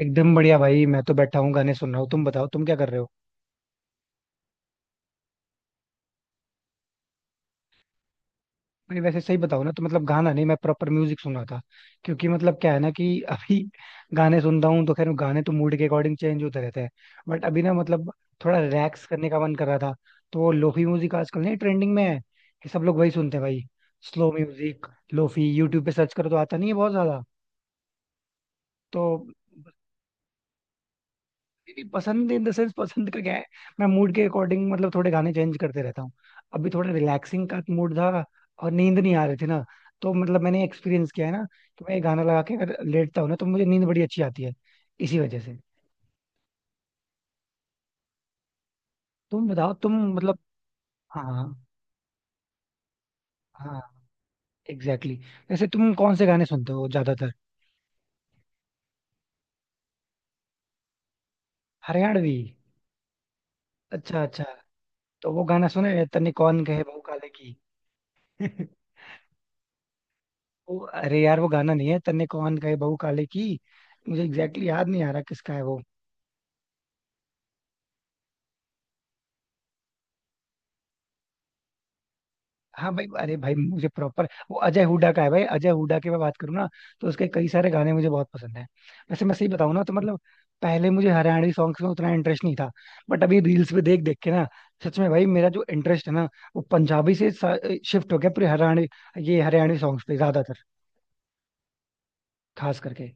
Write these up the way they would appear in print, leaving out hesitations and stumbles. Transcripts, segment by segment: एकदम बढ़िया भाई। मैं तो बैठा हूँ गाने सुन रहा हूँ। तुम बताओ तुम क्या कर रहे हो। नहीं वैसे सही बताओ ना, तो मतलब गाना नहीं, मैं प्रॉपर म्यूजिक सुन रहा था। क्योंकि मतलब क्या है ना कि अभी गाने सुन रहा हूँ तो खैर गाने तो मूड के अकॉर्डिंग चेंज होते रहते हैं। बट अभी ना मतलब थोड़ा रिलैक्स करने का मन कर रहा था। तो वो लोफी म्यूजिक आजकल नहीं ट्रेंडिंग में है, ये सब लोग वही सुनते हैं भाई। Slow music. लोफी यूट्यूब पे सर्च करो तो आता नहीं है बहुत ज्यादा। तो नहीं, पसंद इन द सेंस पसंद का क्या है। मैं मूड के अकॉर्डिंग मतलब थोड़े गाने चेंज करते रहता हूँ। अभी थोड़ा रिलैक्सिंग का मूड था और नींद नहीं आ रही थी ना। तो मतलब मैंने एक्सपीरियंस किया है ना कि मैं ये गाना लगा के अगर लेटता हूँ ना तो मुझे नींद बड़ी अच्छी आती है, इसी वजह से। तुम बताओ तुम मतलब। हाँ हाँ एग्जैक्टली exactly. वैसे तुम कौन से गाने सुनते हो ज्यादातर। हरियाणवी। अच्छा अच्छा। तो वो गाना सुने हैं, तन्ने कौन कहे बहू काले की। वो अरे यार वो गाना नहीं है, तन्ने कौन कहे बहू काले की। मुझे एग्जैक्टली exactly याद नहीं आ रहा किसका है वो। हाँ भाई, अरे भाई मुझे प्रॉपर वो अजय हुड्डा का है भाई। अजय हुड्डा की मैं बात करूँ ना तो उसके कई सारे गाने मुझे बहुत पसंद है। वैसे मैं सही बताऊँ ना तो मतलब पहले मुझे हरियाणवी सॉन्ग्स में उतना इंटरेस्ट नहीं था। बट अभी रील्स पे देख देख के ना सच में भाई मेरा जो इंटरेस्ट है ना वो पंजाबी से शिफ्ट हो गया पूरे हरियाणवी, ये हरियाणवी सॉन्ग्स पे ज्यादातर, खास करके।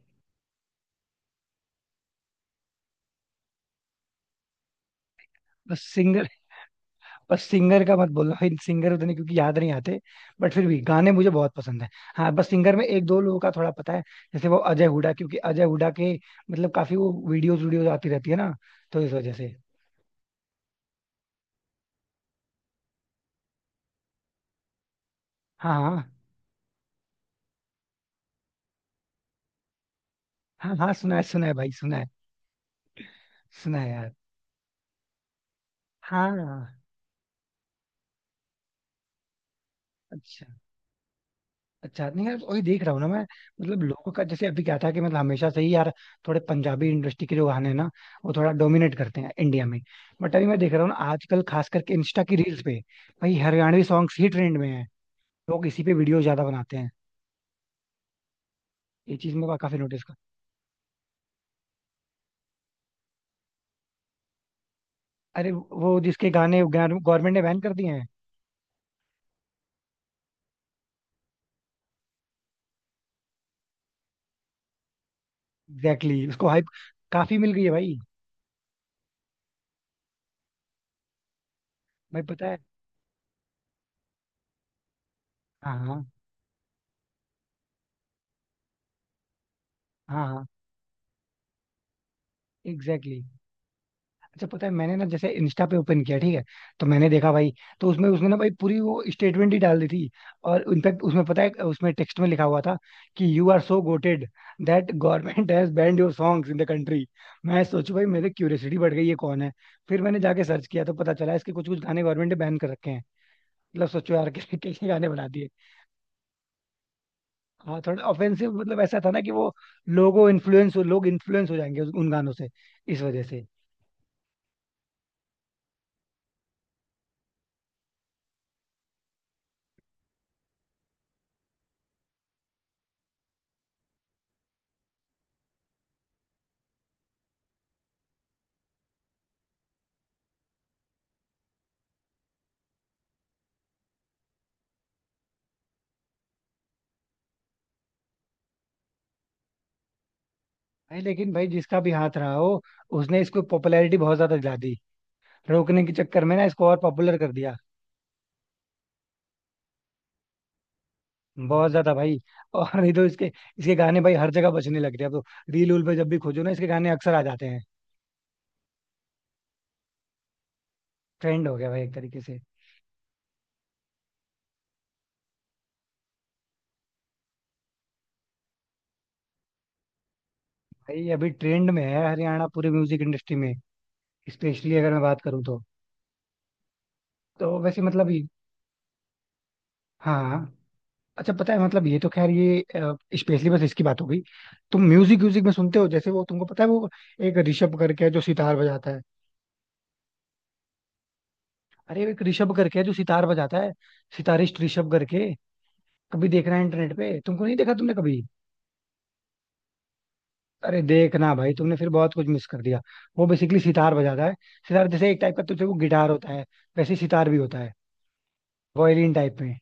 बस सिंगर बस सिंगर का मत बोलना, फिर सिंगर उतने क्योंकि याद नहीं आते। बट फिर भी गाने मुझे बहुत पसंद है। हाँ बस सिंगर में एक दो लोगों का थोड़ा पता है, जैसे वो अजय हुडा, क्योंकि अजय हुडा के मतलब काफी वो वीडियोस वीडियोस आती रहती है ना, तो इस वजह से। हाँ हाँ हाँ हाँ सुना है भाई, सुना है, सुना है यार। हाँ। अच्छा। अच्छा नहीं यार वही देख रहा हूँ ना मैं। मतलब लोगों का जैसे अभी क्या था कि मतलब हमेशा से ही यार थोड़े पंजाबी इंडस्ट्री के जो गाने हैं ना वो थोड़ा डोमिनेट करते हैं इंडिया में। बट अभी मैं देख रहा हूँ ना आजकल खास करके इंस्टा की रील्स पे भाई हरियाणवी सॉन्ग्स ही ट्रेंड में है। लोग इसी पे वीडियो ज्यादा बनाते हैं। ये चीज मैं काफी नोटिस कर। अरे वो जिसके गाने गवर्नमेंट ने बैन कर दिए हैं। एग्जैक्टली exactly, उसको हाइप काफी मिल गई है भाई। भाई पता है। हाँ हाँ हाँ हाँ। एग्जैक्टली। अच्छा पता है, मैंने ना जैसे इंस्टा पे ओपन किया, ठीक है, तो मैंने देखा भाई, तो उसमें उसने ना भाई पूरी वो स्टेटमेंट ही डाल दी थी। और इनफैक्ट उसमें पता है उसमें टेक्स्ट में लिखा हुआ था कि you are so gutted that government has banned your songs in the country. मैं सोचू भाई मेरे क्यूरियोसिटी बढ़ गई, ये कौन है। फिर मैंने जाके सर्च किया तो पता चला इसके कुछ कुछ गाने गवर्नमेंट ने बैन कर रखे हैं। मतलब सोचो यार कैसे कैसे गाने बना दिए। हाँ थोड़ा ऑफेंसिव मतलब ऐसा था ना कि वो लोग इन्फ्लुएंस हो जाएंगे उन गानों से, इस वजह से। भाई लेकिन भाई जिसका भी हाथ रहा हो उसने इसको पॉपुलैरिटी बहुत ज्यादा दिला दी। रोकने के चक्कर में ना इसको और पॉपुलर कर दिया, बहुत ज्यादा भाई। और नहीं तो इसके इसके गाने भाई हर जगह बजने लग रहे हैं। अब तो रील उल पे जब भी खोजो ना इसके गाने अक्सर आ जाते हैं, ट्रेंड हो गया भाई एक तरीके से। भाई अभी ट्रेंड में है हरियाणा पूरे म्यूजिक इंडस्ट्री में, स्पेशली अगर मैं बात करूँ तो। तो वैसे मतलब हाँ हाँ। अच्छा पता है मतलब ये तो खैर ये स्पेशली बस इसकी बात हो गई। तुम म्यूजिक म्यूजिक में सुनते हो जैसे वो, तुमको पता है वो एक ऋषभ करके है जो सितार बजाता है। अरे वो एक ऋषभ करके है जो सितार बजाता है, सितारिस्ट ऋषभ करके। कभी देखना है इंटरनेट पे, तुमको नहीं देखा तुमने कभी। अरे देखना भाई, तुमने फिर बहुत कुछ मिस कर दिया। वो बेसिकली सितार बजाता है। सितार जैसे एक टाइप का तुझे वो गिटार होता है, वैसे ही सितार भी होता है, वायलिन टाइप में।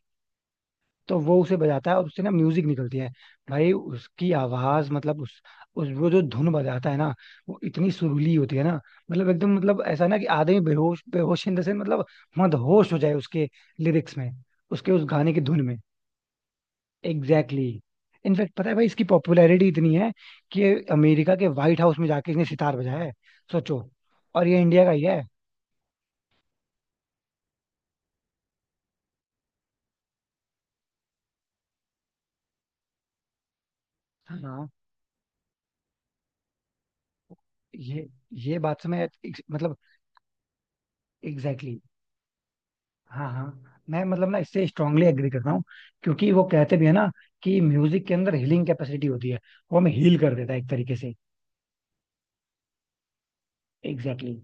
तो वो उसे बजाता है और उससे ना म्यूजिक निकलती है। भाई उसकी आवाज मतलब उस वो जो धुन बजाता है ना वो इतनी सुरीली होती है ना, मतलब एकदम मतलब ऐसा ना कि आदमी बेहोश बेहोश इन द सेंस, मतलब मदहोश हो जाए उसके लिरिक्स में, उसके उस गाने की धुन में। Exactly exactly. इनफैक्ट पता है भाई इसकी पॉपुलैरिटी इतनी है कि ये अमेरिका के व्हाइट हाउस में जाके इसने सितार बजाया है, सोचो, और ये इंडिया का ही है। हाँ। ये ये बात से मैं मतलब एग्जैक्टली exactly, हाँ हाँ मैं मतलब ना इससे स्ट्रांगली एग्री करता हूँ, क्योंकि वो कहते भी है ना कि म्यूजिक के अंदर हीलिंग कैपेसिटी होती है, वो हमें हील कर देता है एक तरीके से। Exactly exactly.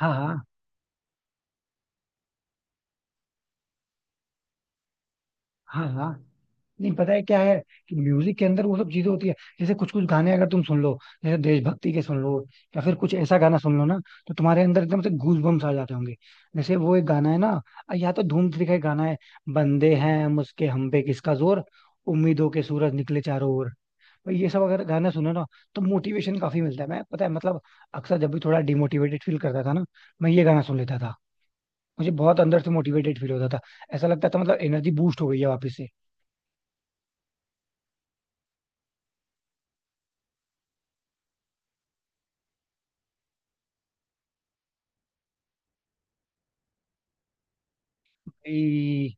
हाँ हाँ हाँ हाँ। नहीं पता है क्या है कि म्यूजिक के अंदर वो सब चीजें होती है, जैसे कुछ कुछ गाने अगर तुम सुन लो, जैसे देशभक्ति के सुन लो, या फिर कुछ ऐसा गाना सुन लो ना, तो तुम्हारे अंदर एकदम से गूज बम्स आ जाते होंगे। जैसे वो एक गाना है ना, या तो धूम थ्री का एक गाना है, बंदे हैं मुझके हम पे किसका जोर, उम्मीदों के सूरज निकले चारों ओर। भाई ये सब अगर गाना सुनो ना तो मोटिवेशन काफी मिलता है। मैं पता है मतलब अक्सर जब भी थोड़ा डिमोटिवेटेड फील करता था ना मैं ये गाना सुन लेता था, मुझे बहुत अंदर से मोटिवेटेड फील होता था। ऐसा लगता था मतलब एनर्जी बूस्ट हो गई है वापस से। भाई।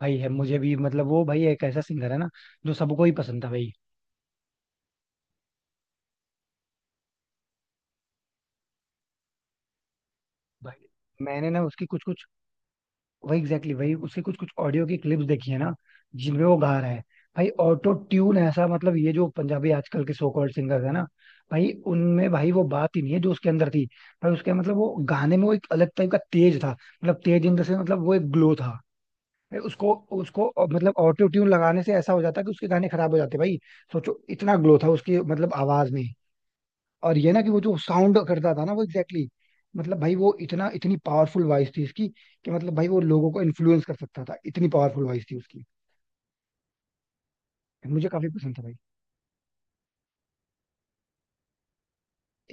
भाई है मुझे भी, मतलब वो भाई एक ऐसा सिंगर है ना जो सबको ही पसंद था भाई। भाई मैंने ना उसकी कुछ कुछ वही एग्जैक्टली exactly, वही उसके कुछ कुछ ऑडियो की क्लिप्स देखी है ना जिनमें वो गा रहा है। भाई ऑटो ट्यून ऐसा मतलब ये जो पंजाबी आजकल के सो कॉल्ड सिंगर है ना, भाई उनमें भाई वो बात ही नहीं है जो उसके अंदर थी। भाई उसके मतलब वो गाने में वो एक अलग टाइप का तेज था, मतलब तेज इन द सेंस, मतलब वो एक ग्लो था भाई उसको। उसको मतलब ऑटो ट्यून लगाने से ऐसा हो जाता कि उसके गाने खराब हो जाते भाई। सोचो इतना ग्लो था उसकी मतलब आवाज में। और ये ना कि वो जो साउंड करता था ना वो एग्जैक्टली exactly, मतलब भाई वो इतना इतनी पावरफुल वॉइस थी इसकी कि मतलब भाई वो लोगों को इन्फ्लुएंस कर सकता था, इतनी पावरफुल वॉइस थी उसकी। मुझे काफी पसंद था भाई।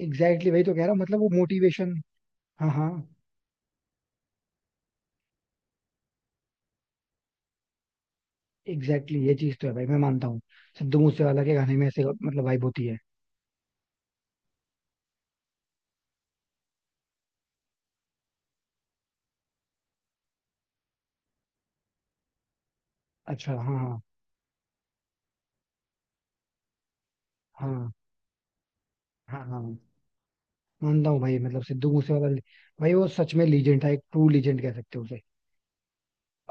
एग्जैक्टली exactly भाई, तो कह रहा हूँ मतलब वो मोटिवेशन। हाँ हाँ एग्जैक्टली exactly, ये चीज तो है भाई, मैं मानता हूँ सिद्धू मूसेवाला के गाने में ऐसे मतलब वाइब होती है। अच्छा हाँ हाँ। हाँ हाँ। हाँ मानता हूँ भाई मतलब सिद्धू मूसेवाला भाई वो सच में लीजेंड था, एक ट्रू लीजेंड कह सकते हो उसे।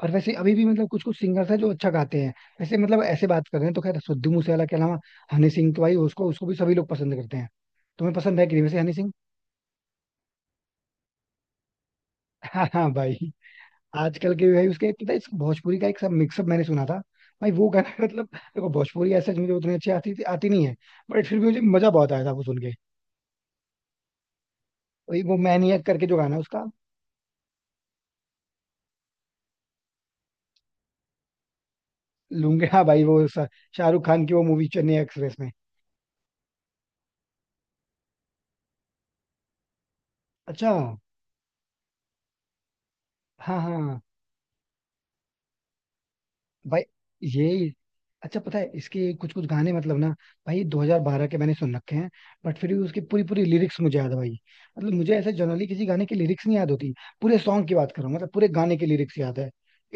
और वैसे अभी भी मतलब कुछ कुछ सिंगर्स हैं जो अच्छा गाते हैं। वैसे मतलब ऐसे बात कर रहे हैं तो खैर सिद्धू मूसेवाला के अलावा हनी सिंह तो भाई, उसको उसको भी सभी लोग पसंद करते हैं। तुम्हें पसंद है कि नहीं वैसे हनी सिंह। हाँ हाँ भाई, आजकल के भाई उसके पता है इस भोजपुरी का एक सब मिक्सअप मैंने सुना था। भाई वो गाना मतलब देखो भोजपुरी ऐसा मुझे उतनी अच्छी आती आती नहीं है, बट फिर भी मुझे मजा बहुत आया था वो सुन के। वही वो मैनियक करके जो गाना है उसका। लूंगे हाँ भाई वो शाहरुख खान की वो मूवी चेन्नई एक्सप्रेस में। अच्छा हाँ हाँ भाई ये। अच्छा पता है इसके कुछ कुछ गाने मतलब ना भाई 2012 के मैंने सुन रखे हैं, बट फिर भी उसकी पूरी पूरी लिरिक्स मुझे याद है भाई। मतलब मुझे ऐसे जनरली किसी गाने की लिरिक्स नहीं याद होती, पूरे सॉन्ग की बात करूं मतलब पूरे गाने की लिरिक्स याद है,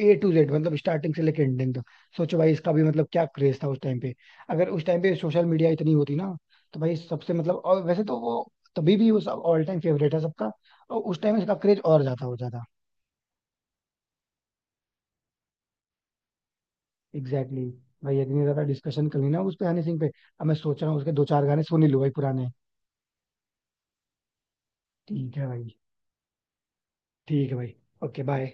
ए टू जेड मतलब स्टार्टिंग से लेकर एंडिंग तक। सोचो भाई इसका भी मतलब क्या क्रेज था उस टाइम पे। अगर उस टाइम पे सोशल मीडिया इतनी होती ना तो भाई सबसे मतलब, और वैसे तो वो तभी भी वो सब ऑल टाइम फेवरेट है सबका, और उस टाइम इसका क्रेज और ज्यादा हो जाता। Exactly exactly. भाई इतनी ज्यादा डिस्कशन कर ली ना उस पे, हनी सिंह पे, अब मैं सोच रहा हूँ उसके दो चार गाने सुन ही लूँ भाई पुराने। ठीक है भाई। ठीक है भाई। Okay bye.